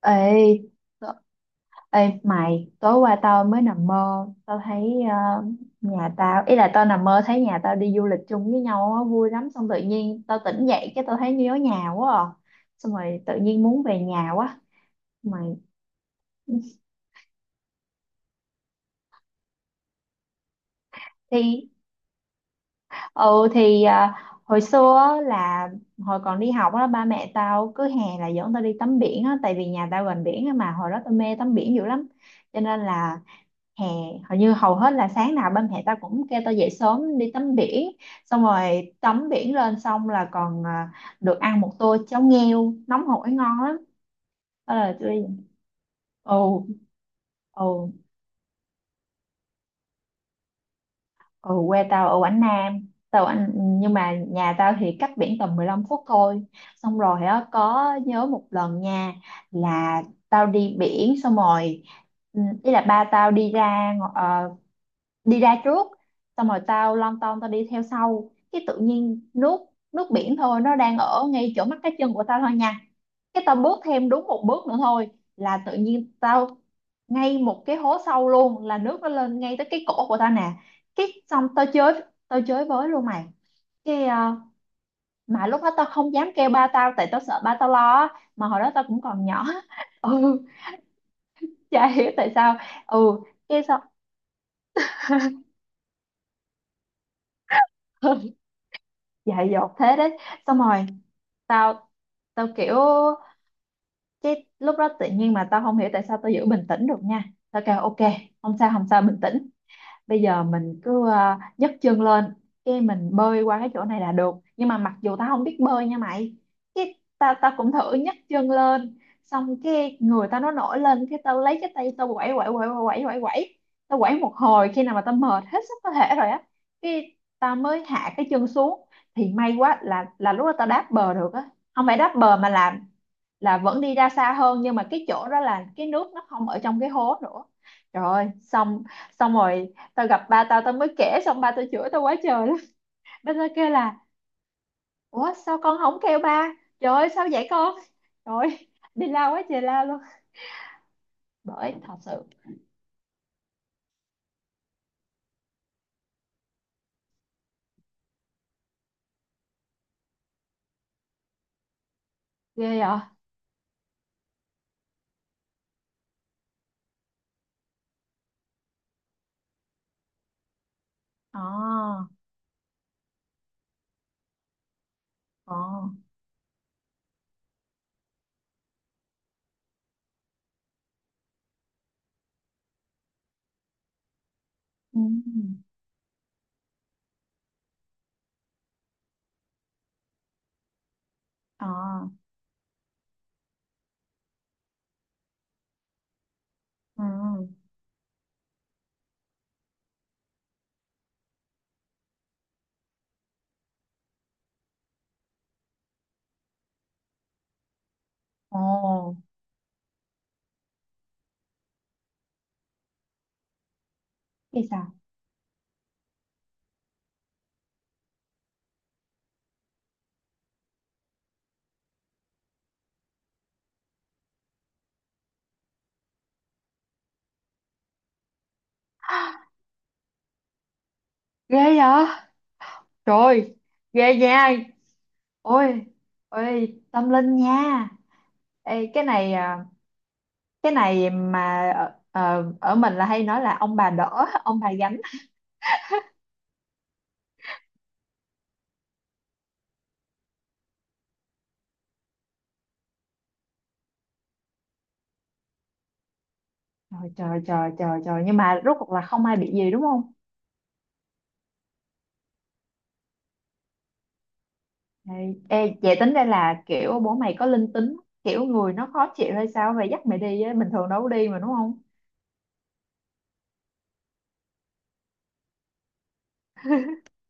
Ê, tớ- ê mày, tối qua tao mới nằm mơ, tao thấy nhà tao, ý là tao nằm mơ thấy nhà tao đi du lịch chung với nhau á, vui lắm, xong tự nhiên tao tỉnh dậy cái tao thấy nhớ nhà quá à. Xong rồi tự nhiên muốn về nhà quá. Mày thì ừ thì ờ, hồi xưa á là hồi còn đi học á, ba mẹ tao cứ hè là dẫn tao đi tắm biển á, tại vì nhà tao gần biển á, mà hồi đó tao mê tắm biển dữ lắm, cho nên là hè hầu hết là sáng nào ba mẹ tao cũng kêu tao dậy sớm đi tắm biển, xong rồi tắm biển lên xong là còn được ăn một tô cháo nghêu nóng hổi ngon lắm. Đó là tôi. Ồ ồ Ồ, quê tao ở Quảng Nam tao anh, nhưng mà nhà tao thì cách biển tầm 15 phút thôi. Xong rồi á, có nhớ một lần nha, là tao đi biển xong rồi, ý là ba tao đi ra đi ra trước. Xong rồi tao lon ton tao đi theo sau, cái tự nhiên nước, biển thôi nó đang ở ngay chỗ mắt cá chân của tao thôi nha, cái tao bước thêm đúng một bước nữa thôi là tự nhiên tao ngay một cái hố sâu luôn, là nước nó lên ngay tới cái cổ của tao nè. Cái xong tao chơi với luôn mày, cái mà lúc đó tao không dám kêu ba tao tại tao sợ ba tao lo á. Mà hồi đó tao cũng còn nhỏ ừ, chả hiểu tại sao. Ừ, cái xong dại dột thế đấy. Xong rồi tao, tao kiểu cái lúc đó tự nhiên mà tao không hiểu tại sao tao giữ bình tĩnh được nha. Tao kêu ok, không sao không sao bình tĩnh, bây giờ mình cứ nhấc chân lên cái mình bơi qua cái chỗ này là được, nhưng mà mặc dù tao không biết bơi nha mày. Cái tao tao cũng thử nhấc chân lên, xong cái người tao nó nổi lên, cái tao lấy cái tay tao quẩy quẩy quẩy quẩy quẩy quẩy. Tao quẩy một hồi khi nào mà tao mệt hết sức có thể rồi á, cái tao mới hạ cái chân xuống, thì may quá là, lúc đó tao đáp bờ được á. Không phải đáp bờ mà là, vẫn đi ra xa hơn, nhưng mà cái chỗ đó là cái nước nó không ở trong cái hố nữa. Trời ơi xong, xong rồi tao gặp ba tao tao mới kể, xong ba tao chửi tao quá trời lắm. Ba tao kêu là ủa sao con không kêu ba, trời ơi sao vậy con, trời ơi, đi la quá trời la luôn. Bởi thật sự ghê vậy. Ờ. Ờ. Ừ. Ờ. Ừ. Ồ. Ghê sao. Ghê vậy trời. Ghê nha. Ôi. Ôi tâm linh nha. Ê, cái này à, cái này mà ở, ở mình là hay nói là ông bà đỡ ông bà gánh. Trời trời trời trời trời, nhưng mà rốt cuộc là không ai bị gì đúng không? Ê, ê, vậy tính đây là kiểu bố mày có linh tính, kiểu người nó khó chịu hay sao vậy dắt mày đi á, bình thường đâu có đi mà đúng không?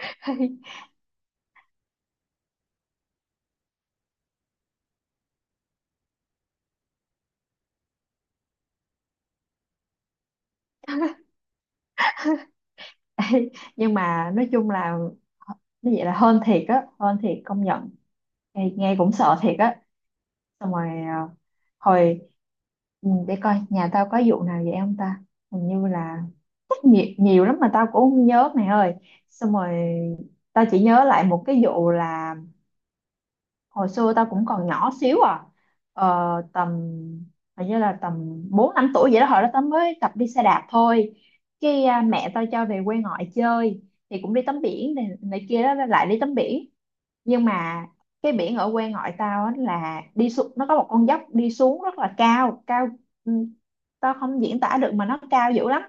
Ê, nhưng mà nói chung là như vậy là hên thiệt á, hên thiệt công nhận. Ê, nghe cũng sợ thiệt á. Xong rồi hồi, để coi nhà tao có vụ nào vậy không ta. Hình như là rất nhiều, nhiều lắm mà tao cũng không nhớ mày ơi. Xong rồi tao chỉ nhớ lại một cái vụ là hồi xưa tao cũng còn nhỏ xíu à, ờ, tầm hình như là tầm 4-5 tuổi vậy đó. Hồi đó tao mới tập đi xe đạp thôi, cái mẹ tao cho về quê ngoại chơi, thì cũng đi tắm biển này, này kia đó, lại đi tắm biển. Nhưng mà cái biển ở quê ngoại tao á là đi xuống nó có một con dốc đi xuống rất là cao cao, ừ, tao không diễn tả được mà nó cao dữ lắm.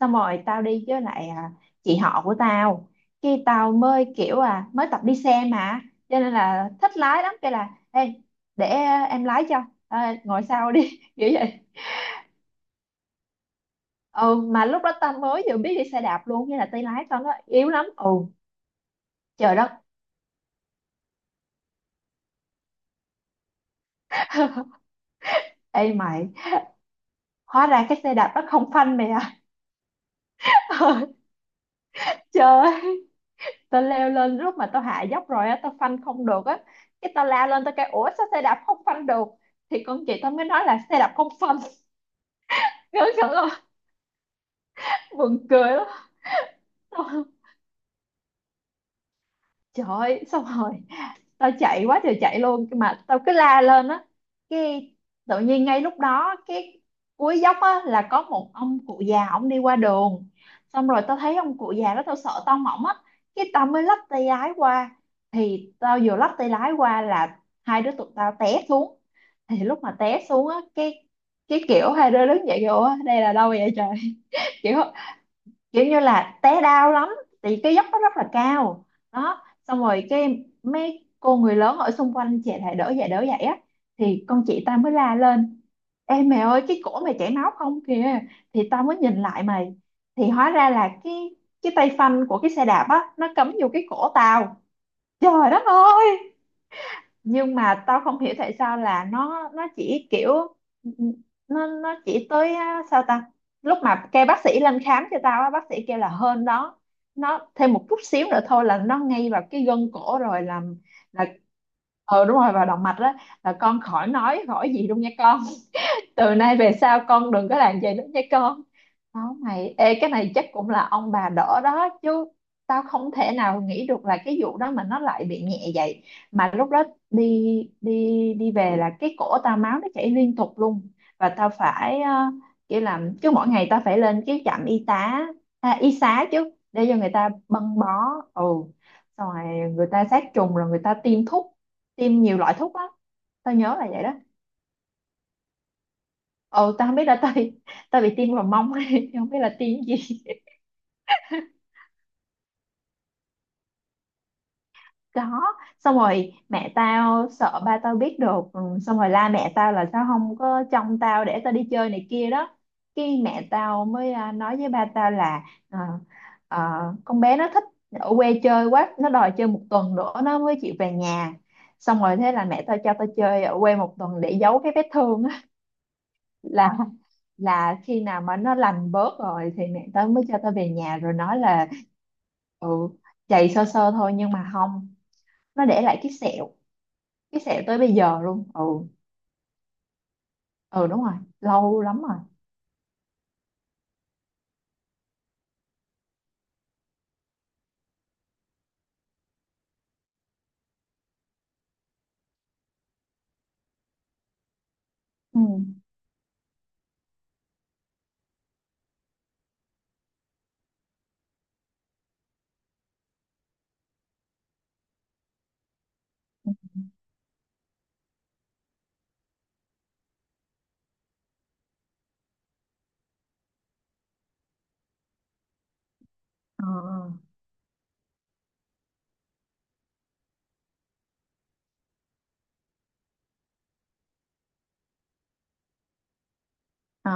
Xong rồi tao đi với lại chị họ của tao. Khi tao mới kiểu mới tập đi xe mà cho nên là thích lái lắm, cái là ê, để em lái cho ngồi sau đi kiểu vậy. Ừ, mà lúc đó tao mới vừa biết đi xe đạp luôn, như là tay lái tao nó yếu lắm. Ừ. Trời đất. Ê mày, hóa ra cái xe đạp nó không phanh mày à. Trời. Tao leo lên lúc mà tao hạ dốc rồi á tao phanh không được á, cái tao lao lên tao kêu ủa sao xe đạp không phanh được. Thì con chị tao mới nói là xe đạp không phanh. Ngớ ngẩn không. Buồn cười lắm. Tao- Trời ơi, xong rồi tao chạy quá trời chạy luôn, nhưng mà tao cứ la lên á, cái tự nhiên ngay lúc đó cái cuối dốc á là có một ông cụ già ổng đi qua đường. Xong rồi tao thấy ông cụ già đó tao sợ tao mỏng á, cái tao mới lắp tay lái qua. Thì tao vừa lắp tay lái qua là hai đứa tụi tao té xuống. Thì lúc mà té xuống á, cái kiểu hai đứa đứng dậy kiểu "Ủa, đây là đâu vậy trời?" kiểu, kiểu như là té đau lắm. Thì cái dốc nó rất là cao. Đó xong rồi cái mấy cô người lớn ở xung quanh chạy lại đỡ dậy á. Thì con chị ta mới la lên, em mẹ ơi cái cổ mày chảy máu không kìa. Thì tao mới nhìn lại mày. Thì hóa ra là cái tay phanh của cái xe đạp á, nó cắm vô cái cổ tao. Trời đất ơi. Nhưng mà tao không hiểu tại sao là nó chỉ kiểu, nó chỉ tới á, sao ta. Lúc mà kêu bác sĩ lên khám cho tao á, bác sĩ kêu là hơn đó, nó thêm một chút xíu nữa thôi là nó ngay vào cái gân cổ rồi làm là, đúng rồi vào động mạch đó, là con khỏi nói khỏi gì luôn nha, từ nay về sau con đừng có làm vậy nữa nha con. Đó mày, ê, cái này chắc cũng là ông bà đỡ đó chứ. Tao không thể nào nghĩ được là cái vụ đó mà nó lại bị nhẹ vậy. Mà lúc đó đi đi đi về là cái cổ tao máu nó chảy liên tục luôn. Và tao phải kiểu làm cứ mỗi ngày tao phải lên cái trạm y tá, y xá chứ để cho người ta băng bó. Ừ, xong rồi người ta sát trùng rồi người ta tiêm thuốc, tiêm nhiều loại thuốc lắm. Tao nhớ là vậy đó. Ừ, tao không biết là tao bị tiêm vào mông không biết là tiêm gì. Đó, xong rồi mẹ tao sợ ba tao biết được. Ừ, xong rồi la mẹ tao là sao không có trông tao để tao đi chơi này kia đó. Cái mẹ tao mới nói với ba tao là ờ, ờ, con bé nó thích ở quê chơi quá, nó đòi chơi một tuần nữa nó mới chịu về nhà. Xong rồi thế là mẹ tao cho tao chơi ở quê một tuần để giấu cái vết thương á, là, khi nào mà nó lành bớt rồi thì mẹ tớ mới cho tớ về nhà rồi nói là ừ, chày sơ sơ thôi. Nhưng mà không, nó để lại cái sẹo, cái sẹo tới bây giờ luôn. Ừ. Ừ đúng rồi. Lâu lắm rồi. Ừ. Ờ. Ờ.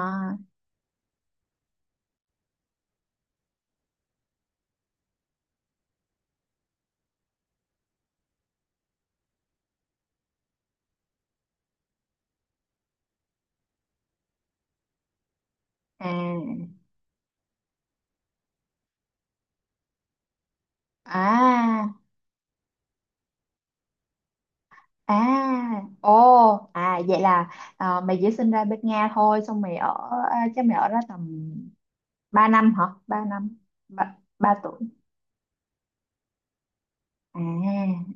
À. À. À. Ô. À vậy là mày chỉ sinh ra bên Nga thôi xong mày ở, chắc mày ở đó tầm 3 năm hả, 3 năm. Ba, 3 tuổi. À.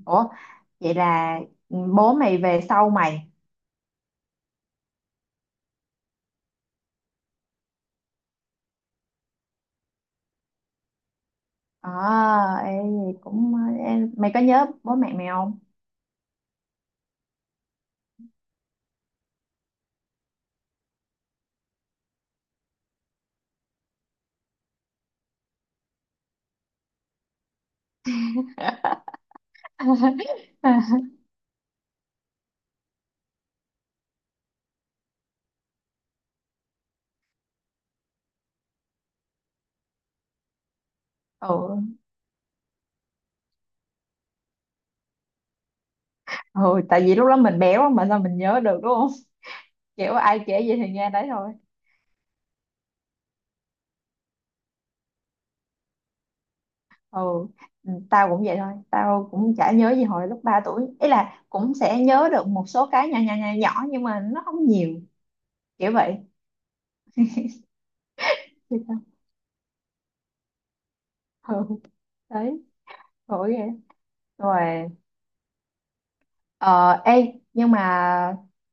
Ủa vậy là bố mày về sau mày. à, Ê, cũng em mày có nhớ bố mẹ mày không? Ừ. Ừ, tại vì lúc đó mình béo mà sao mình nhớ được đúng không, kiểu ai kể gì thì nghe đấy thôi. Ừ. Ừ, tao cũng vậy thôi, tao cũng chả nhớ gì hồi lúc 3 tuổi, ý là cũng sẽ nhớ được một số cái nhỏ nhỏ nhỏ nhỏ nhưng mà nó không nhiều, kiểu vậy. Thì sao? Ừ. Đấy, khổ ghê. Rồi. Ờ, ê, nhưng mà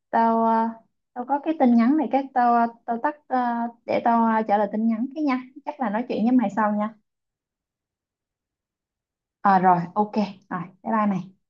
tao tao có cái tin nhắn này cái tao tao tắt để tao trả lời tin nhắn cái nha. Chắc là nói chuyện với mày sau nha. Ờ rồi, ok. Rồi, bye bye mày.